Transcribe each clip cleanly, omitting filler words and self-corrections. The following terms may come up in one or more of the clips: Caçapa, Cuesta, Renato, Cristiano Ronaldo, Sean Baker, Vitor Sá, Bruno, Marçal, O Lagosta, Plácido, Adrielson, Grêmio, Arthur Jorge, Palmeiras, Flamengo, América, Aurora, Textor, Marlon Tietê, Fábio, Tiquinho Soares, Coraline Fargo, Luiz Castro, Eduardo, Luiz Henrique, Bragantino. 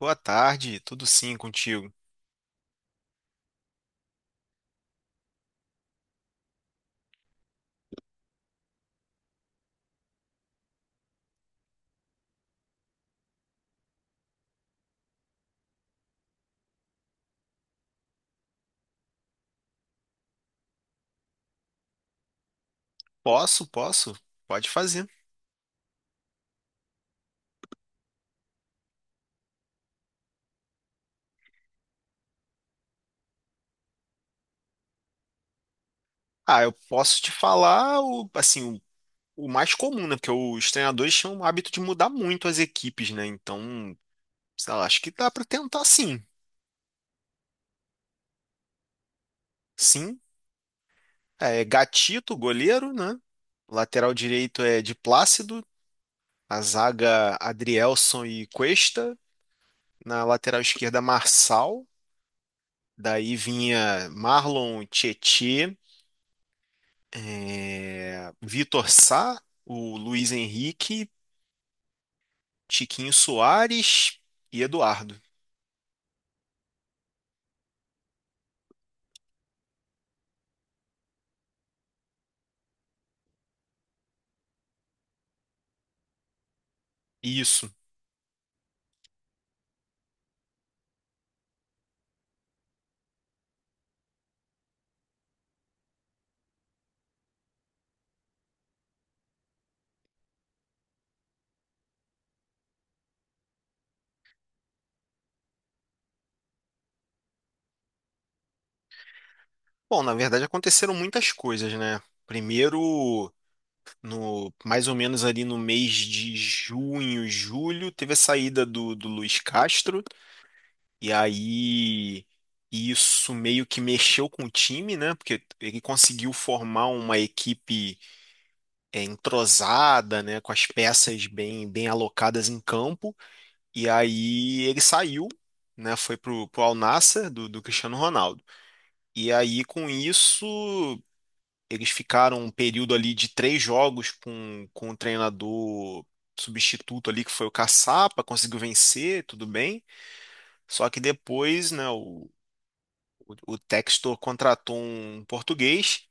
Boa tarde, tudo sim contigo? Posso, pode fazer. Ah, eu posso te falar o mais comum, né? Porque os treinadores tinham o hábito de mudar muito as equipes, né? Então, sei lá, acho que dá pra tentar sim. Sim, é Gatito, goleiro, né? Lateral direito é de Plácido, a zaga Adrielson e Cuesta, na lateral esquerda Marçal, daí vinha Marlon Tietê, Vitor Sá, o Luiz Henrique, Tiquinho Soares e Eduardo. Isso. Bom, na verdade aconteceram muitas coisas, né? Primeiro, no mais ou menos ali no mês de junho, julho, teve a saída do Luiz Castro, e aí isso meio que mexeu com o time, né? Porque ele conseguiu formar uma equipe entrosada, né? Com as peças bem, bem alocadas em campo, e aí ele saiu. Né, foi pro Al Nassr do Cristiano Ronaldo. E aí, com isso, eles ficaram um período ali de 3 jogos com o treinador substituto ali, que foi o Caçapa, conseguiu vencer, tudo bem. Só que depois, né, o Textor contratou um português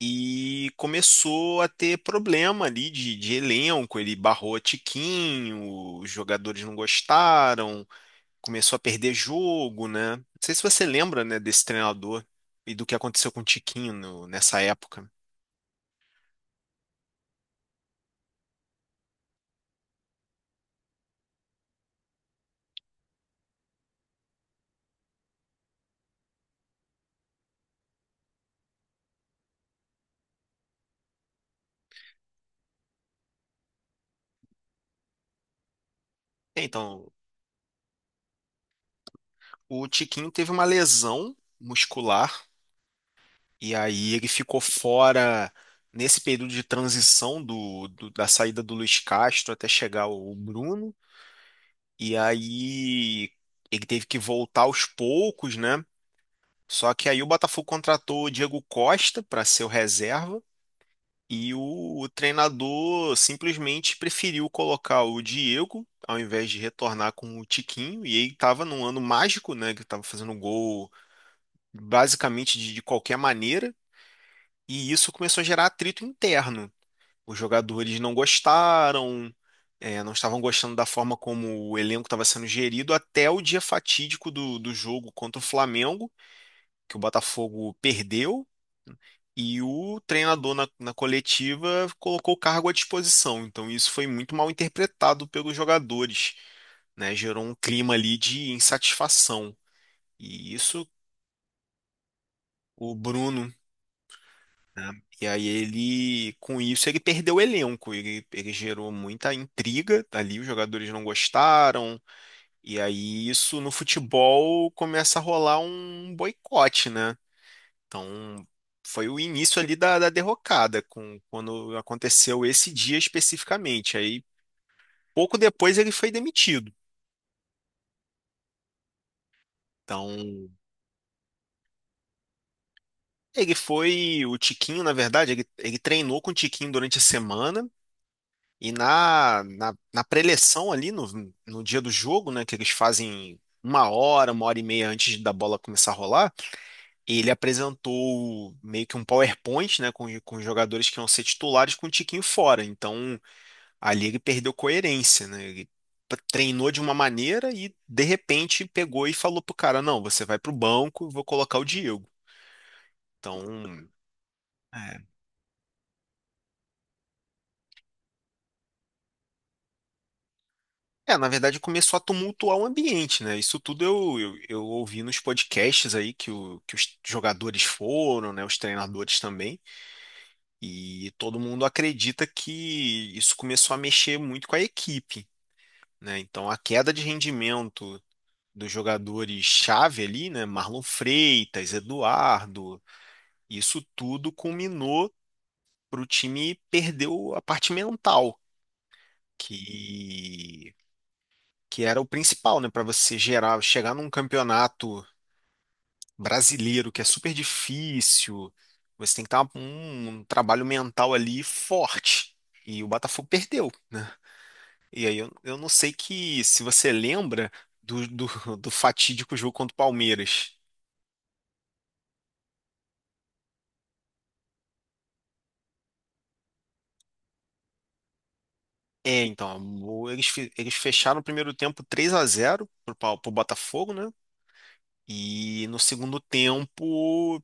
e começou a ter problema ali de elenco. Ele barrou a Tiquinho, os jogadores não gostaram, começou a perder jogo, né? Não sei se você lembra, né, desse treinador e do que aconteceu com o Tiquinho nessa época. Então, o Tiquinho teve uma lesão muscular e aí ele ficou fora nesse período de transição da saída do Luiz Castro até chegar o Bruno. E aí ele teve que voltar aos poucos, né? Só que aí o Botafogo contratou o Diego Costa para ser o reserva e o treinador simplesmente preferiu colocar o Diego ao invés de retornar com o Tiquinho. E ele estava num ano mágico, né? Que estava fazendo gol basicamente de qualquer maneira, e isso começou a gerar atrito interno. Os jogadores não gostaram, não estavam gostando da forma como o elenco estava sendo gerido até o dia fatídico do jogo contra o Flamengo, que o Botafogo perdeu. E o treinador na coletiva colocou o cargo à disposição. Então, isso foi muito mal interpretado pelos jogadores, né, gerou um clima ali de insatisfação. E isso, o Bruno. E aí ele, com isso, ele perdeu o elenco, ele gerou muita intriga ali, os jogadores não gostaram, e aí isso no futebol começa a rolar um boicote, né? Então foi o início ali da derrocada, com, quando aconteceu esse dia especificamente. Aí pouco depois ele foi demitido. Então ele foi, o Tiquinho, na verdade, ele treinou com o Tiquinho durante a semana, e na preleção ali, no dia do jogo, né, que eles fazem 1 hora, 1 hora e meia antes da bola começar a rolar, ele apresentou meio que um PowerPoint, né, com os jogadores que iam ser titulares com o Tiquinho fora. Então, ali ele perdeu coerência, né? Ele treinou de uma maneira e, de repente, pegou e falou pro cara, não, você vai pro banco, eu vou colocar o Diego. Então, é, é, na verdade começou a tumultuar o ambiente, né? Isso tudo eu ouvi nos podcasts aí que, o, que os jogadores foram, né? Os treinadores também. E todo mundo acredita que isso começou a mexer muito com a equipe, né? Então a queda de rendimento dos jogadores-chave ali, né? Marlon Freitas, Eduardo, isso tudo culminou para o time perder a parte mental. Que que era o principal, né, para você gerar, chegar num campeonato brasileiro que é super difícil, você tem que estar um trabalho mental ali forte. E o Botafogo perdeu, né? E aí eu não sei que se você lembra do, do, do fatídico jogo contra o Palmeiras. É, então, eles, eles fecharam o primeiro tempo 3-0 pro Botafogo, né? E no segundo tempo,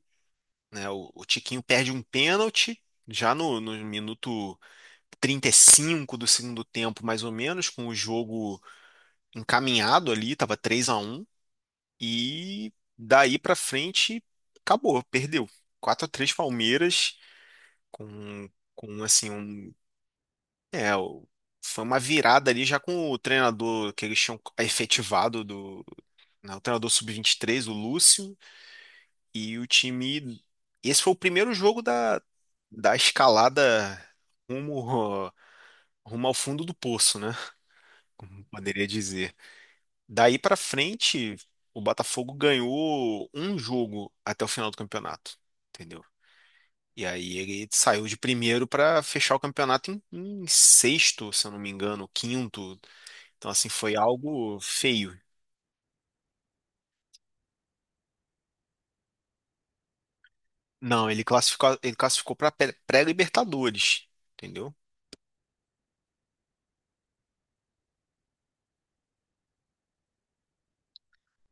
né, o Tiquinho perde um pênalti já no minuto 35 do segundo tempo, mais ou menos, com o jogo encaminhado ali, tava 3-1 e daí para frente acabou, perdeu. 4-3 Palmeiras com com assim um, é, o- foi uma virada ali já com o treinador que eles tinham efetivado do, né, o treinador sub 23, o Lúcio, e o time, esse foi o primeiro jogo da escalada rumo, rumo ao fundo do poço, né? Como poderia dizer. Daí pra frente, o Botafogo ganhou um jogo até o final do campeonato, entendeu? E aí ele saiu de primeiro pra fechar o campeonato em, em sexto, se eu não me engano, quinto. Então assim foi algo feio. Não, ele classificou para pré-Libertadores, entendeu?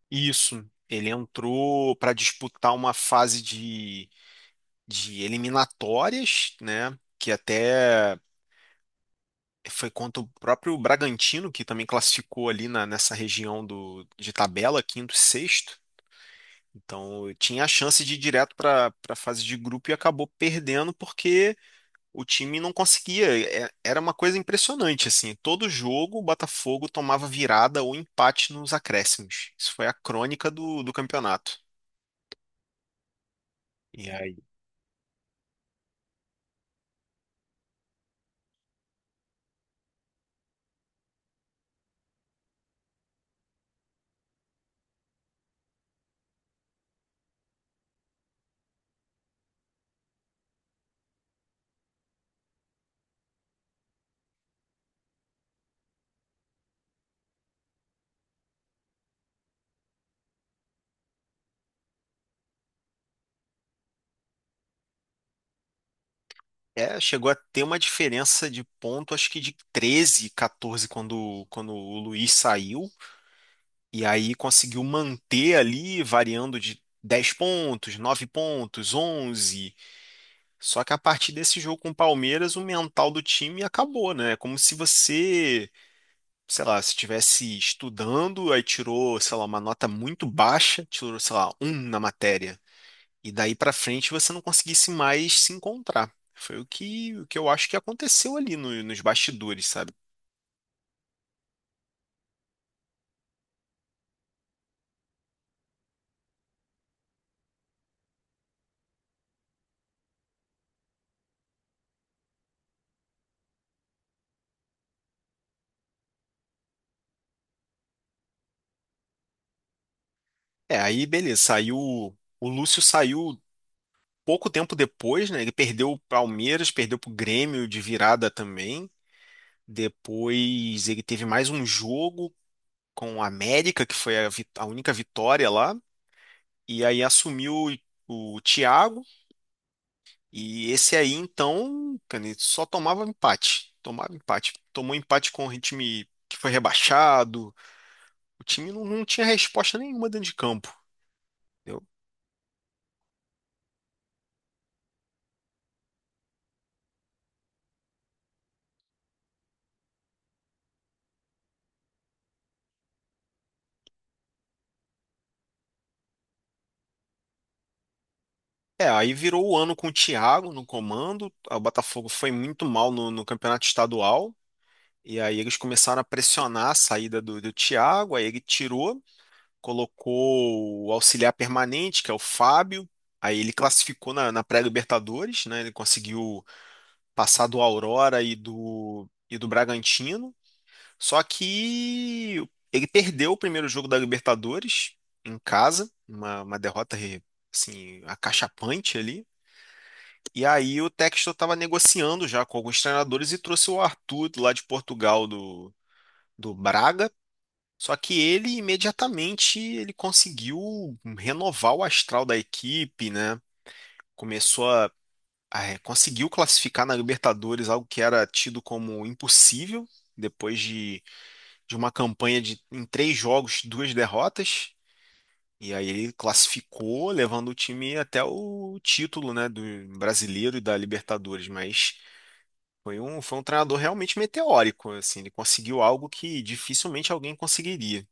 Isso. Ele entrou para disputar uma fase de eliminatórias, né? Que até foi contra o próprio Bragantino, que também classificou ali nessa região do, de tabela, quinto e sexto. Então eu tinha a chance de ir direto para a fase de grupo e acabou perdendo porque o time não conseguia. Era uma coisa impressionante, assim. Todo jogo o Botafogo tomava virada ou empate nos acréscimos. Isso foi a crônica do campeonato. E aí, é, chegou a ter uma diferença de ponto, acho que de 13, 14, quando o Luiz saiu. E aí conseguiu manter ali, variando de 10 pontos, 9 pontos, 11. Só que a partir desse jogo com o Palmeiras, o mental do time acabou, né? É como se você, sei lá, se estivesse estudando, aí tirou, sei lá, uma nota muito baixa, tirou, sei lá, um na matéria. E daí pra frente você não conseguisse mais se encontrar. Foi o que eu acho que aconteceu ali nos bastidores, sabe? É, aí beleza, saiu. O Lúcio saiu pouco tempo depois, né? Ele perdeu o Palmeiras, perdeu pro Grêmio de virada também. Depois ele teve mais um jogo com o América, que foi a, a única vitória lá. E aí assumiu o Thiago. E esse aí, então, cara, ele só tomava empate. Tomava empate. Tomou empate com o time que foi rebaixado. O time não tinha resposta nenhuma dentro de campo. Entendeu? É, aí virou o ano com o Thiago no comando. O Botafogo foi muito mal no campeonato estadual. E aí eles começaram a pressionar a saída do Thiago, aí ele tirou, colocou o auxiliar permanente, que é o Fábio. Aí ele classificou na pré-Libertadores, né? Ele conseguiu passar do Aurora e do Bragantino. Só que ele perdeu o primeiro jogo da Libertadores em casa, uma, derrota assim, acachapante ali. E aí o Textor estava negociando já com alguns treinadores e trouxe o Arthur lá de Portugal do Braga. Só que ele imediatamente ele conseguiu renovar o astral da equipe, né? Começou a, conseguiu classificar na Libertadores, algo que era tido como impossível depois de uma campanha de em 3 jogos, duas derrotas. E aí ele classificou, levando o time até o título, né, do brasileiro e da Libertadores, mas foi foi um treinador realmente meteórico, assim, ele conseguiu algo que dificilmente alguém conseguiria.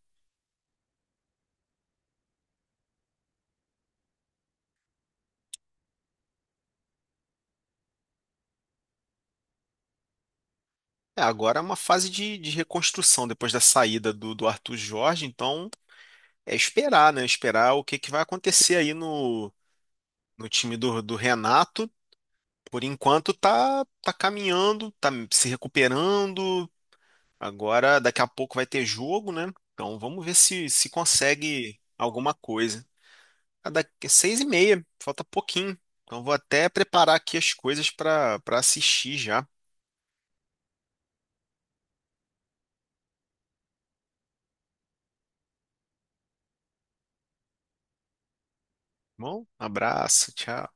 É, agora é uma fase de reconstrução depois da saída do Arthur Jorge, então é esperar, né? Esperar que vai acontecer aí no time do Renato. Por enquanto tá, tá caminhando, tá se recuperando. Agora, daqui a pouco vai ter jogo, né? Então vamos ver se, se consegue alguma coisa. Ah, daqui é 6:30, falta pouquinho. Então vou até preparar aqui as coisas para assistir já. Tá. Bom, abraço, tchau.